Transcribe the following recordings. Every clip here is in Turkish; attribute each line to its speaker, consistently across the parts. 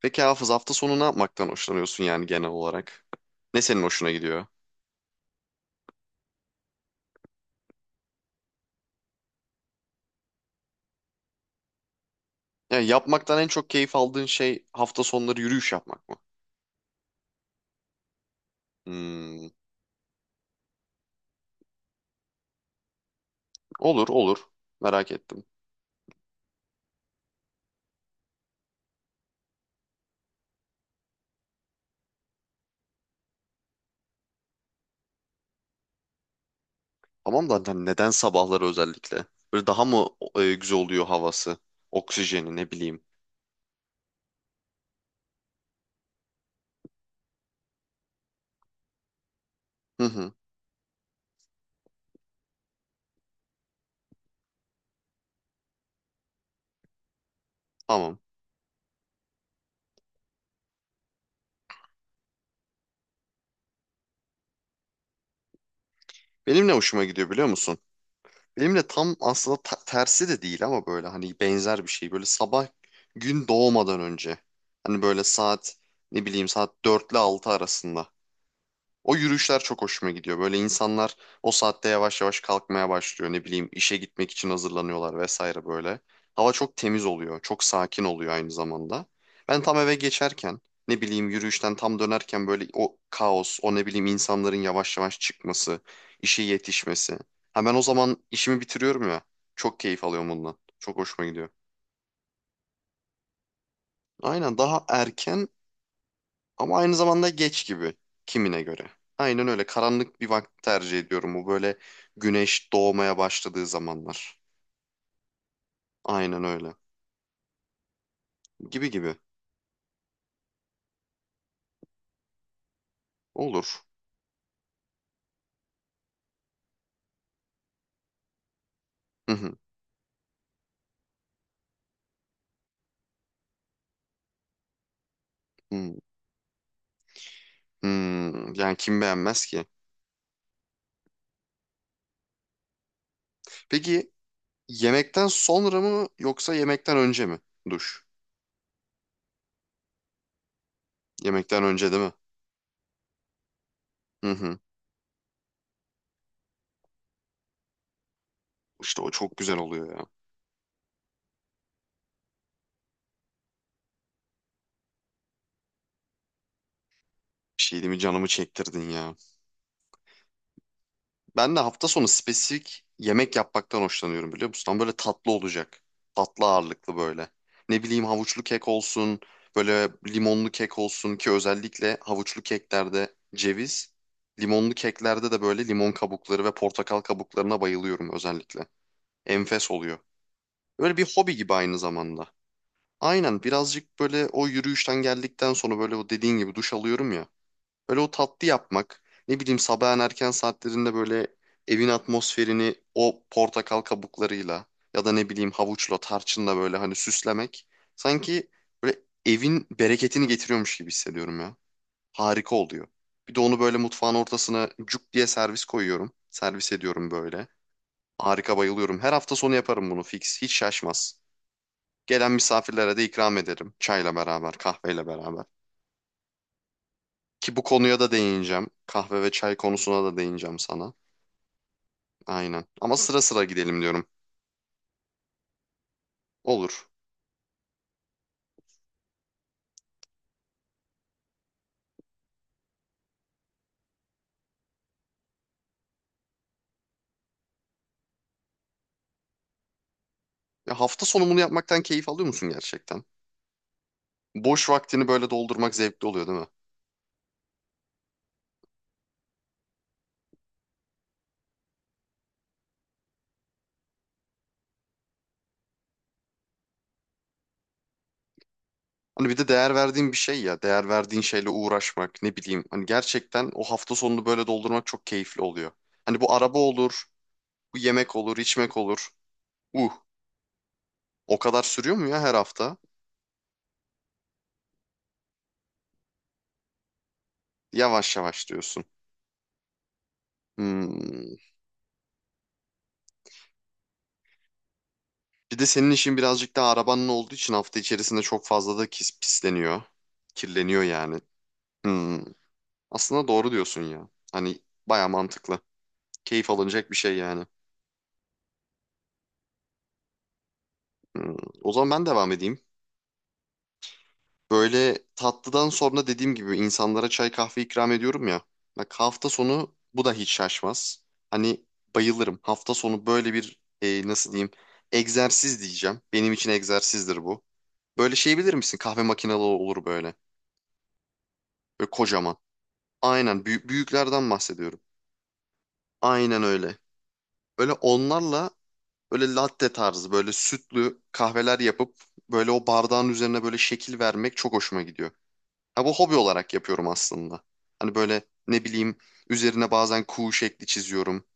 Speaker 1: Peki Hafız, hafta sonu ne yapmaktan hoşlanıyorsun, yani genel olarak? Ne senin hoşuna gidiyor? Yani yapmaktan en çok keyif aldığın şey hafta sonları yürüyüş yapmak mı? Hmm, olur olur. Merak ettim. Tamam da hani neden sabahları özellikle? Böyle daha mı güzel oluyor havası? Oksijeni ne bileyim. Hı hı, tamam. Benim ne hoşuma gidiyor biliyor musun? Benim de tam aslında tersi de değil ama böyle hani benzer bir şey. Böyle sabah gün doğmadan önce. Hani böyle saat ne bileyim saat 4 ile 6 arasında. O yürüyüşler çok hoşuma gidiyor. Böyle insanlar o saatte yavaş yavaş kalkmaya başlıyor. Ne bileyim işe gitmek için hazırlanıyorlar vesaire böyle. Hava çok temiz oluyor. Çok sakin oluyor aynı zamanda. Ben tam eve geçerken ne bileyim yürüyüşten tam dönerken böyle o kaos, o ne bileyim insanların yavaş yavaş çıkması, işe yetişmesi. Ha, ben o zaman işimi bitiriyorum ya. Çok keyif alıyorum bundan. Çok hoşuma gidiyor. Aynen, daha erken. Ama aynı zamanda geç gibi, kimine göre. Aynen öyle, karanlık bir vakit tercih ediyorum. Bu böyle güneş doğmaya başladığı zamanlar. Aynen öyle. Gibi gibi. Olur. Hı hı, hı, hı. Yani kim beğenmez ki? Peki yemekten sonra mı yoksa yemekten önce mi duş? Yemekten önce değil mi? Hı hı. İşte o çok güzel oluyor ya. Bir şey değil mi? Canımı çektirdin ya. Ben de hafta sonu spesifik yemek yapmaktan hoşlanıyorum biliyor musun? Ama böyle tatlı olacak. Tatlı ağırlıklı böyle. Ne bileyim havuçlu kek olsun, böyle limonlu kek olsun ki özellikle havuçlu keklerde ceviz, limonlu keklerde de böyle limon kabukları ve portakal kabuklarına bayılıyorum özellikle. Enfes oluyor. Böyle bir hobi gibi aynı zamanda. Aynen, birazcık böyle o yürüyüşten geldikten sonra böyle o dediğin gibi duş alıyorum ya. Böyle o tatlı yapmak. Ne bileyim sabahın erken saatlerinde böyle evin atmosferini o portakal kabuklarıyla ya da ne bileyim havuçla, tarçınla böyle hani süslemek. Sanki böyle evin bereketini getiriyormuş gibi hissediyorum ya. Harika oluyor. Bir de onu böyle mutfağın ortasına cuk diye servis koyuyorum. Servis ediyorum böyle. Harika, bayılıyorum. Her hafta sonu yaparım bunu fix. Hiç şaşmaz. Gelen misafirlere de ikram ederim. Çayla beraber, kahveyle beraber. Ki bu konuya da değineceğim. Kahve ve çay konusuna da değineceğim sana. Aynen. Ama sıra sıra gidelim diyorum. Olur. Ya hafta sonu bunu yapmaktan keyif alıyor musun gerçekten? Boş vaktini böyle doldurmak zevkli oluyor değil mi? Hani bir de değer verdiğin bir şey ya. Değer verdiğin şeyle uğraşmak ne bileyim. Hani gerçekten o hafta sonunu böyle doldurmak çok keyifli oluyor. Hani bu araba olur, bu yemek olur, içmek olur. Uh, o kadar sürüyor mu ya her hafta? Yavaş yavaş diyorsun. Hmm. Bir de senin işin birazcık daha arabanın olduğu için hafta içerisinde çok fazla da pisleniyor. Kirleniyor yani. Hmm. Aslında doğru diyorsun ya. Hani baya mantıklı. Keyif alınacak bir şey yani. Hmm. O zaman ben devam edeyim. Böyle tatlıdan sonra dediğim gibi insanlara çay kahve ikram ediyorum ya. Bak hafta sonu bu da hiç şaşmaz. Hani bayılırım. Hafta sonu böyle bir nasıl diyeyim, egzersiz diyeceğim. Benim için egzersizdir bu. Böyle şey bilir misin? Kahve makinalı olur böyle. Böyle kocaman. Aynen büyük büyüklerden bahsediyorum. Aynen öyle. Böyle onlarla böyle latte tarzı böyle sütlü kahveler yapıp böyle o bardağın üzerine böyle şekil vermek çok hoşuma gidiyor. Ha, bu hobi olarak yapıyorum aslında. Hani böyle ne bileyim üzerine bazen kuğu şekli çiziyorum.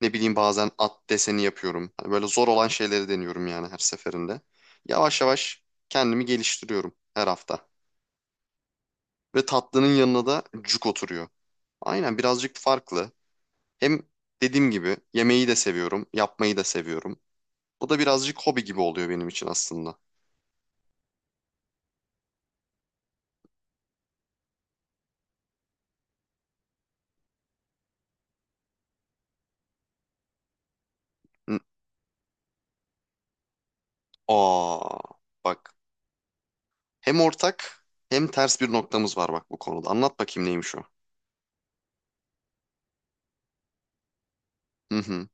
Speaker 1: Ne bileyim bazen at deseni yapıyorum. Hani böyle zor olan şeyleri deniyorum yani her seferinde. Yavaş yavaş kendimi geliştiriyorum her hafta. Ve tatlının yanına da cuk oturuyor. Aynen, birazcık farklı. Hem dediğim gibi yemeği de seviyorum, yapmayı da seviyorum. Bu da birazcık hobi gibi oluyor benim için aslında. N- Aa, bak. Hem ortak hem ters bir noktamız var bak bu konuda. Anlat bakayım neymiş o? Hı hı.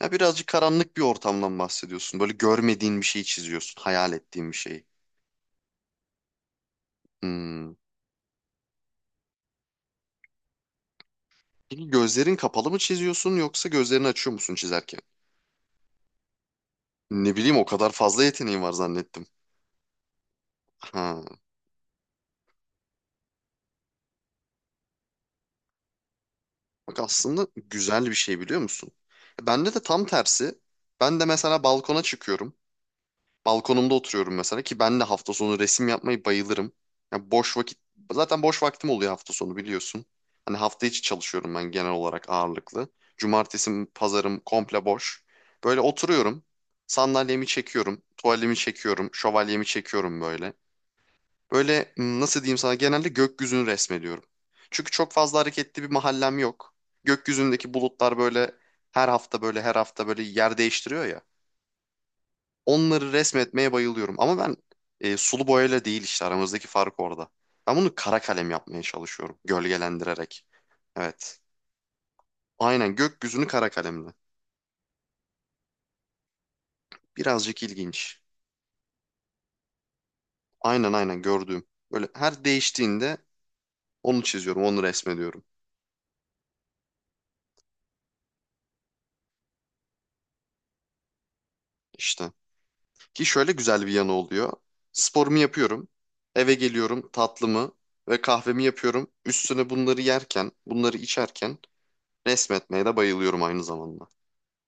Speaker 1: Ya birazcık karanlık bir ortamdan bahsediyorsun. Böyle görmediğin bir şeyi çiziyorsun, hayal ettiğin bir şeyi. Hmm. Peki gözlerin kapalı mı çiziyorsun yoksa gözlerini açıyor musun çizerken? Ne bileyim o kadar fazla yeteneğin var zannettim. Ha. Bak aslında güzel bir şey biliyor musun? Bende de tam tersi. Ben de mesela balkona çıkıyorum. Balkonumda oturuyorum mesela ki ben de hafta sonu resim yapmayı bayılırım. Ya boş vakit, zaten boş vaktim oluyor hafta sonu biliyorsun. Hani hafta içi çalışıyorum ben genel olarak ağırlıklı. Cumartesi, pazarım komple boş. Böyle oturuyorum. Sandalyemi çekiyorum, tuvalimi çekiyorum, şövalyemi çekiyorum böyle. Böyle nasıl diyeyim sana, genelde gökyüzünü resmediyorum. Çünkü çok fazla hareketli bir mahallem yok. Gökyüzündeki bulutlar böyle her hafta böyle yer değiştiriyor ya. Onları resmetmeye bayılıyorum. Ama ben sulu boyayla değil işte, aramızdaki fark orada. Ben bunu kara kalem yapmaya çalışıyorum gölgelendirerek. Evet. Aynen gökyüzünü kara kalemle. Birazcık ilginç. Aynen gördüğüm. Böyle her değiştiğinde onu çiziyorum, onu resmediyorum. İşte. Ki şöyle güzel bir yanı oluyor. Sporumu yapıyorum. Eve geliyorum, tatlımı ve kahvemi yapıyorum. Üstüne bunları yerken, bunları içerken resmetmeye de bayılıyorum aynı zamanda.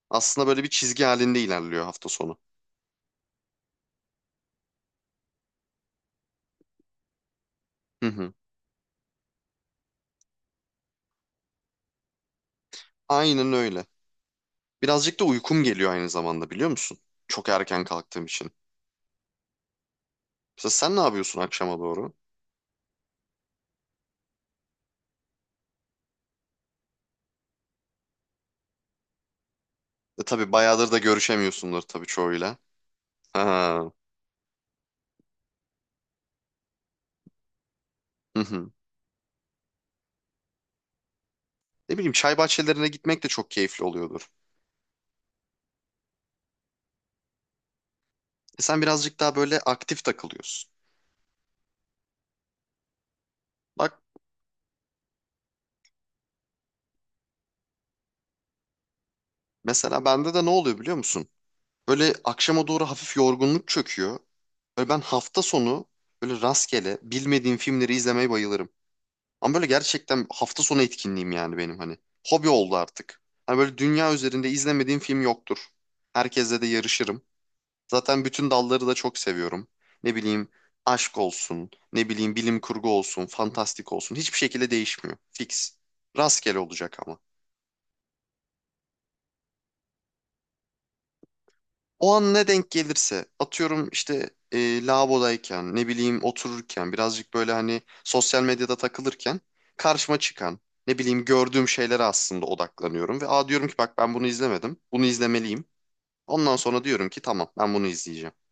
Speaker 1: Aslında böyle bir çizgi halinde ilerliyor hafta sonu. Hı hı. Aynen öyle. Birazcık da uykum geliyor aynı zamanda biliyor musun? Çok erken kalktığım için. Mesela sen ne yapıyorsun akşama doğru? E tabii bayağıdır da görüşemiyorsundur tabii çoğuyla. Ha. Hı hı. Ne bileyim çay bahçelerine gitmek de çok keyifli oluyordur. E sen birazcık daha böyle aktif takılıyorsun. Bak mesela bende de ne oluyor biliyor musun? Böyle akşama doğru hafif yorgunluk çöküyor. Böyle ben hafta sonu böyle rastgele bilmediğim filmleri izlemeye bayılırım. Ama böyle gerçekten hafta sonu etkinliğim yani benim, hani. Hobi oldu artık. Hani böyle dünya üzerinde izlemediğim film yoktur. Herkesle de yarışırım. Zaten bütün dalları da çok seviyorum. Ne bileyim aşk olsun, ne bileyim bilim kurgu olsun, fantastik olsun. Hiçbir şekilde değişmiyor. Fix. Rastgele olacak ama. O an ne denk gelirse, atıyorum işte lavabodayken ne bileyim otururken birazcık böyle hani sosyal medyada takılırken karşıma çıkan ne bileyim gördüğüm şeylere aslında odaklanıyorum ve aa diyorum ki bak ben bunu izlemedim, bunu izlemeliyim. Ondan sonra diyorum ki tamam, ben bunu izleyeceğim.